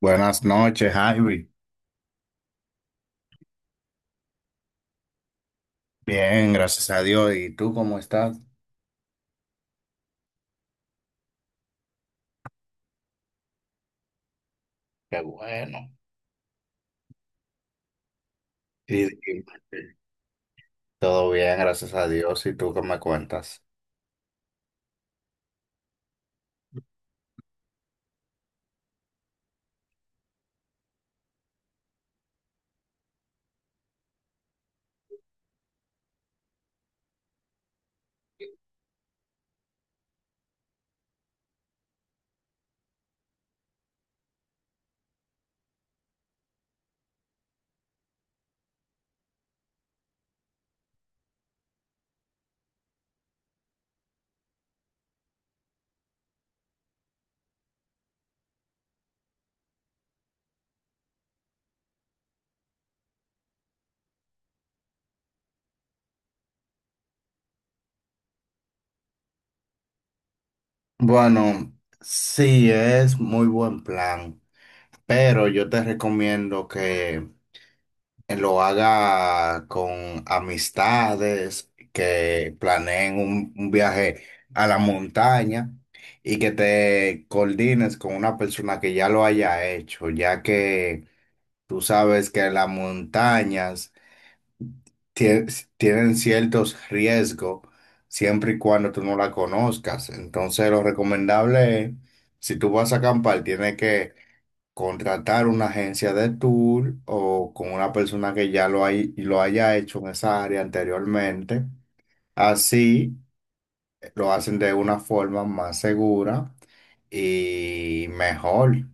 Buenas noches, Ivy. Bien, gracias a Dios. ¿Y tú cómo estás? Qué bueno. Y, y Todo bien, gracias a Dios. ¿Y tú qué me cuentas? Bueno, sí, es muy buen plan, pero yo te recomiendo que lo haga con amistades, que planeen un viaje a la montaña y que te coordines con una persona que ya lo haya hecho, ya que... Tú sabes que las montañas tie- tienen ciertos riesgos siempre y cuando tú no la conozcas. Entonces, lo recomendable es, si tú vas a acampar, tienes que contratar una agencia de tour o con una persona que ya lo haya hecho en esa área anteriormente. Así lo hacen de una forma más segura y mejor.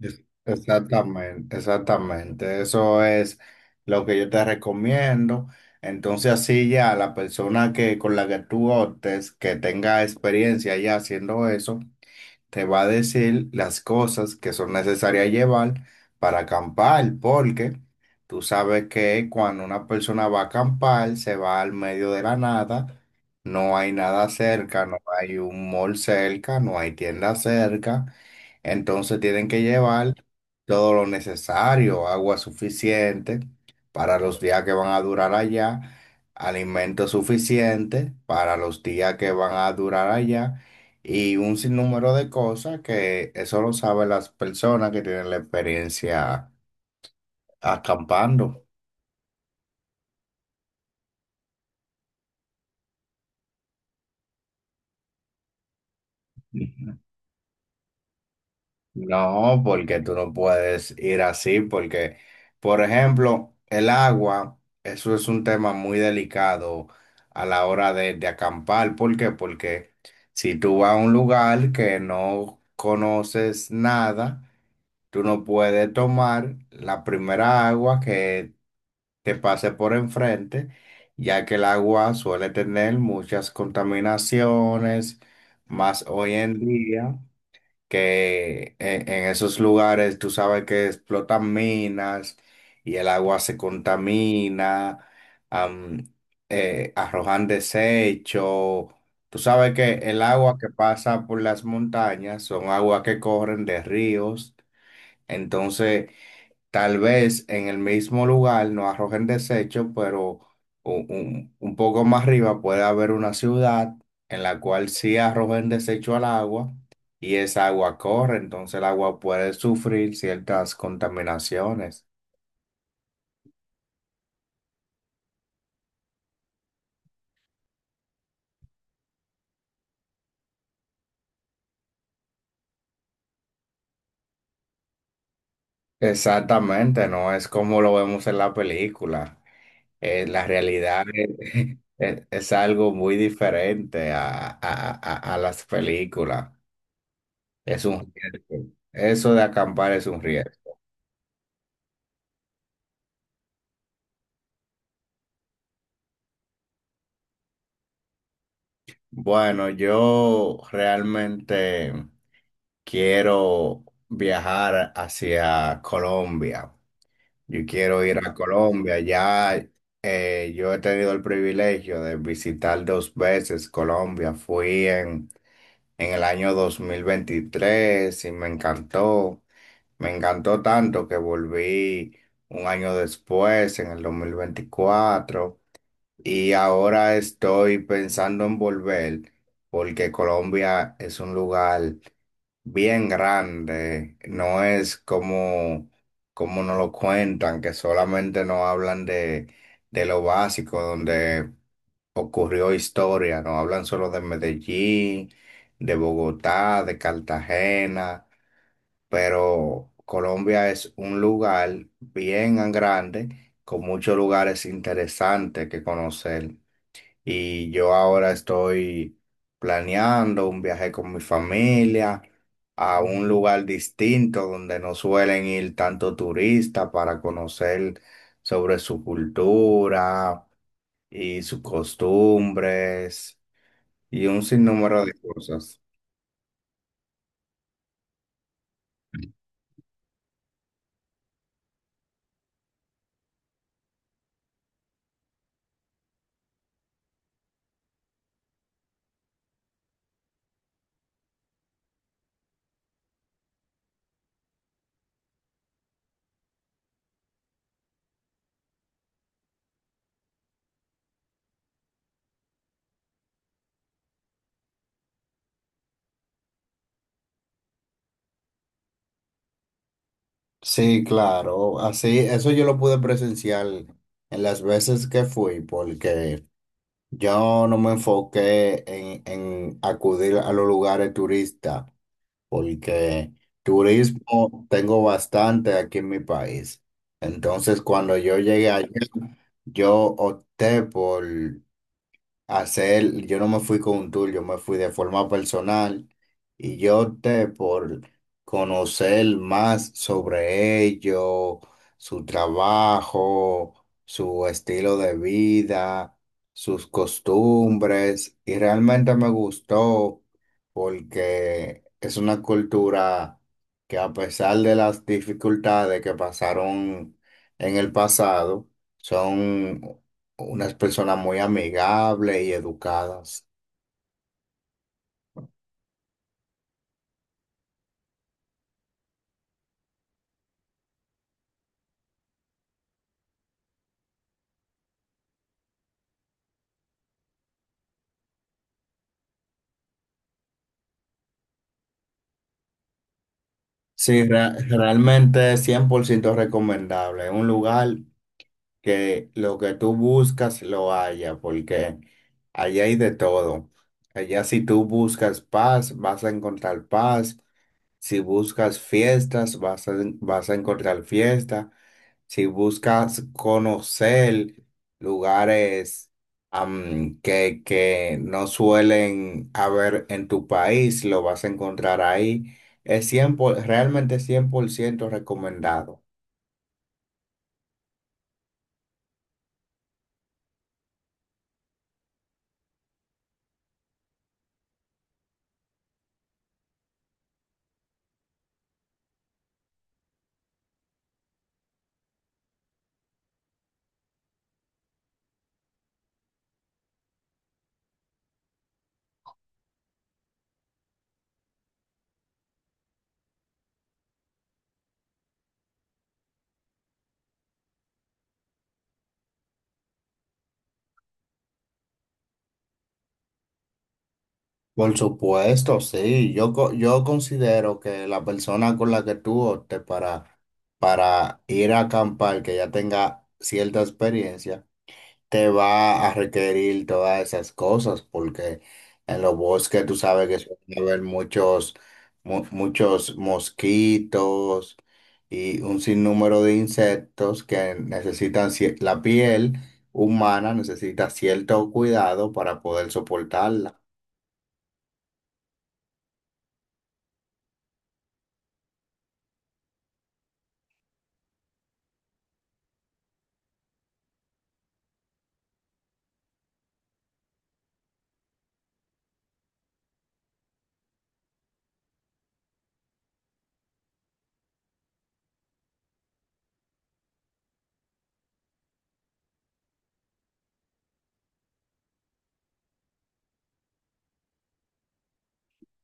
Exactamente, exactamente. Eso es lo que yo te recomiendo. Entonces así ya la persona que con la que tú optes, que tenga experiencia ya haciendo eso, te va a decir las cosas que son necesarias llevar para acampar, porque tú sabes que cuando una persona va a acampar, se va al medio de la nada, no hay nada cerca, no hay un mall cerca, no hay tienda cerca. Entonces tienen que llevar todo lo necesario, agua suficiente para los días que van a durar allá, alimento suficiente para los días que van a durar allá y un sinnúmero de cosas que eso lo saben las personas que tienen la experiencia acampando. No, porque tú no puedes ir así, porque, por ejemplo, el agua, eso es un tema muy delicado a la hora de acampar. ¿Por qué? Porque si tú vas a un lugar que no conoces nada, tú no puedes tomar la primera agua que te pase por enfrente, ya que el agua suele tener muchas contaminaciones, más hoy en día que en esos lugares tú sabes que explotan minas y el agua se contamina, am, arrojan desechos. Tú sabes que el agua que pasa por las montañas son aguas que corren de ríos. Entonces, tal vez en el mismo lugar no arrojen desecho, pero un poco más arriba puede haber una ciudad en la cual sí arrojen desecho al agua y esa agua corre, entonces el agua puede sufrir ciertas contaminaciones. Exactamente, no es como lo vemos en la película. La realidad es, es algo muy diferente a las películas. Es un riesgo. Eso de acampar es un riesgo. Bueno, yo realmente quiero viajar hacia Colombia. Yo quiero ir a Colombia. Ya yo he tenido el privilegio de visitar dos veces Colombia. Fui en el año 2023 y me encantó. Me encantó tanto que volví un año después, en el 2024. Y ahora estoy pensando en volver porque Colombia es un lugar bien grande. No es como, como nos lo cuentan, que solamente nos hablan de lo básico, donde ocurrió historia. Nos hablan solo de Medellín, de Bogotá, de Cartagena. Pero Colombia es un lugar bien grande, con muchos lugares interesantes que conocer. Y yo ahora estoy planeando un viaje con mi familia a un lugar distinto donde no suelen ir tanto turistas para conocer sobre su cultura y sus costumbres y un sinnúmero de cosas. Sí, claro, así, eso yo lo pude presenciar en las veces que fui, porque yo no me enfoqué en acudir a los lugares turistas, porque turismo tengo bastante aquí en mi país. Entonces, cuando yo llegué allá, yo opté por hacer, yo no me fui con un tour, yo me fui de forma personal y yo opté por conocer más sobre ellos, su trabajo, su estilo de vida, sus costumbres y realmente me gustó porque es una cultura que a pesar de las dificultades que pasaron en el pasado, son unas personas muy amigables y educadas. Sí, realmente es 100% recomendable. Es un lugar que lo que tú buscas lo haya, porque allá hay de todo. Allá si tú buscas paz, vas a encontrar paz. Si buscas fiestas, vas a encontrar fiesta. Si buscas conocer lugares que no suelen haber en tu país, lo vas a encontrar ahí. Es realmente 100% recomendado. Por supuesto, sí. Yo considero que la persona con la que tú optes para ir a acampar, que ya tenga cierta experiencia, te va a requerir todas esas cosas, porque en los bosques tú sabes que suelen haber muchos mosquitos y un sinnúmero de insectos que necesitan, la piel humana necesita cierto cuidado para poder soportarla.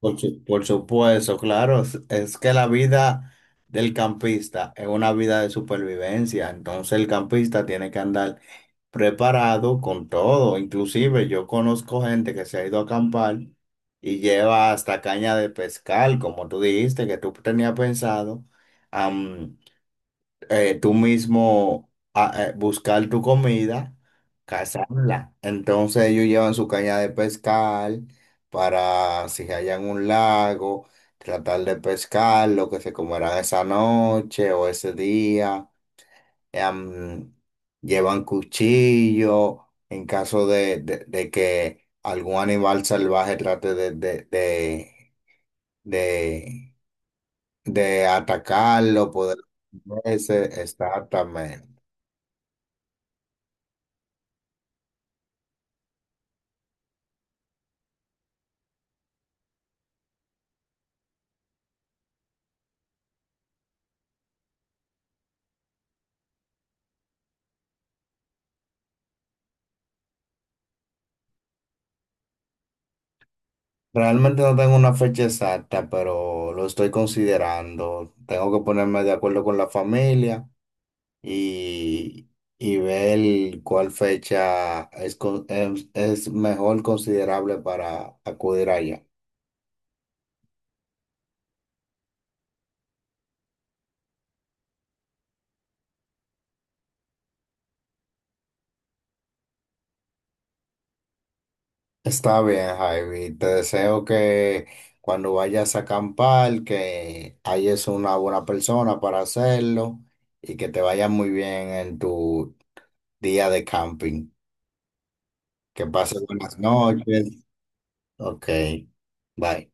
Por supuesto, claro, es que la vida del campista es una vida de supervivencia, entonces el campista tiene que andar preparado con todo. Inclusive yo conozco gente que se ha ido a acampar y lleva hasta caña de pescar, como tú dijiste, que tú tenías pensado, am, tú mismo buscar tu comida, cazarla. Entonces ellos llevan su caña de pescar para si hallan un lago, tratar de pescar lo que se comerán esa noche o ese día, em, llevan cuchillo en caso de que algún animal salvaje trate de- de atacarlo, poder ese exactamente. Realmente no tengo una fecha exacta, pero lo estoy considerando. Tengo que ponerme de acuerdo con la familia y, y ver cuál fecha es, es mejor considerable para acudir allá. Está bien, Javi. Te deseo que cuando vayas a acampar, que hayas una buena persona para hacerlo y que te vaya muy bien en tu día de camping. Que pases buenas noches. Ok. Bye.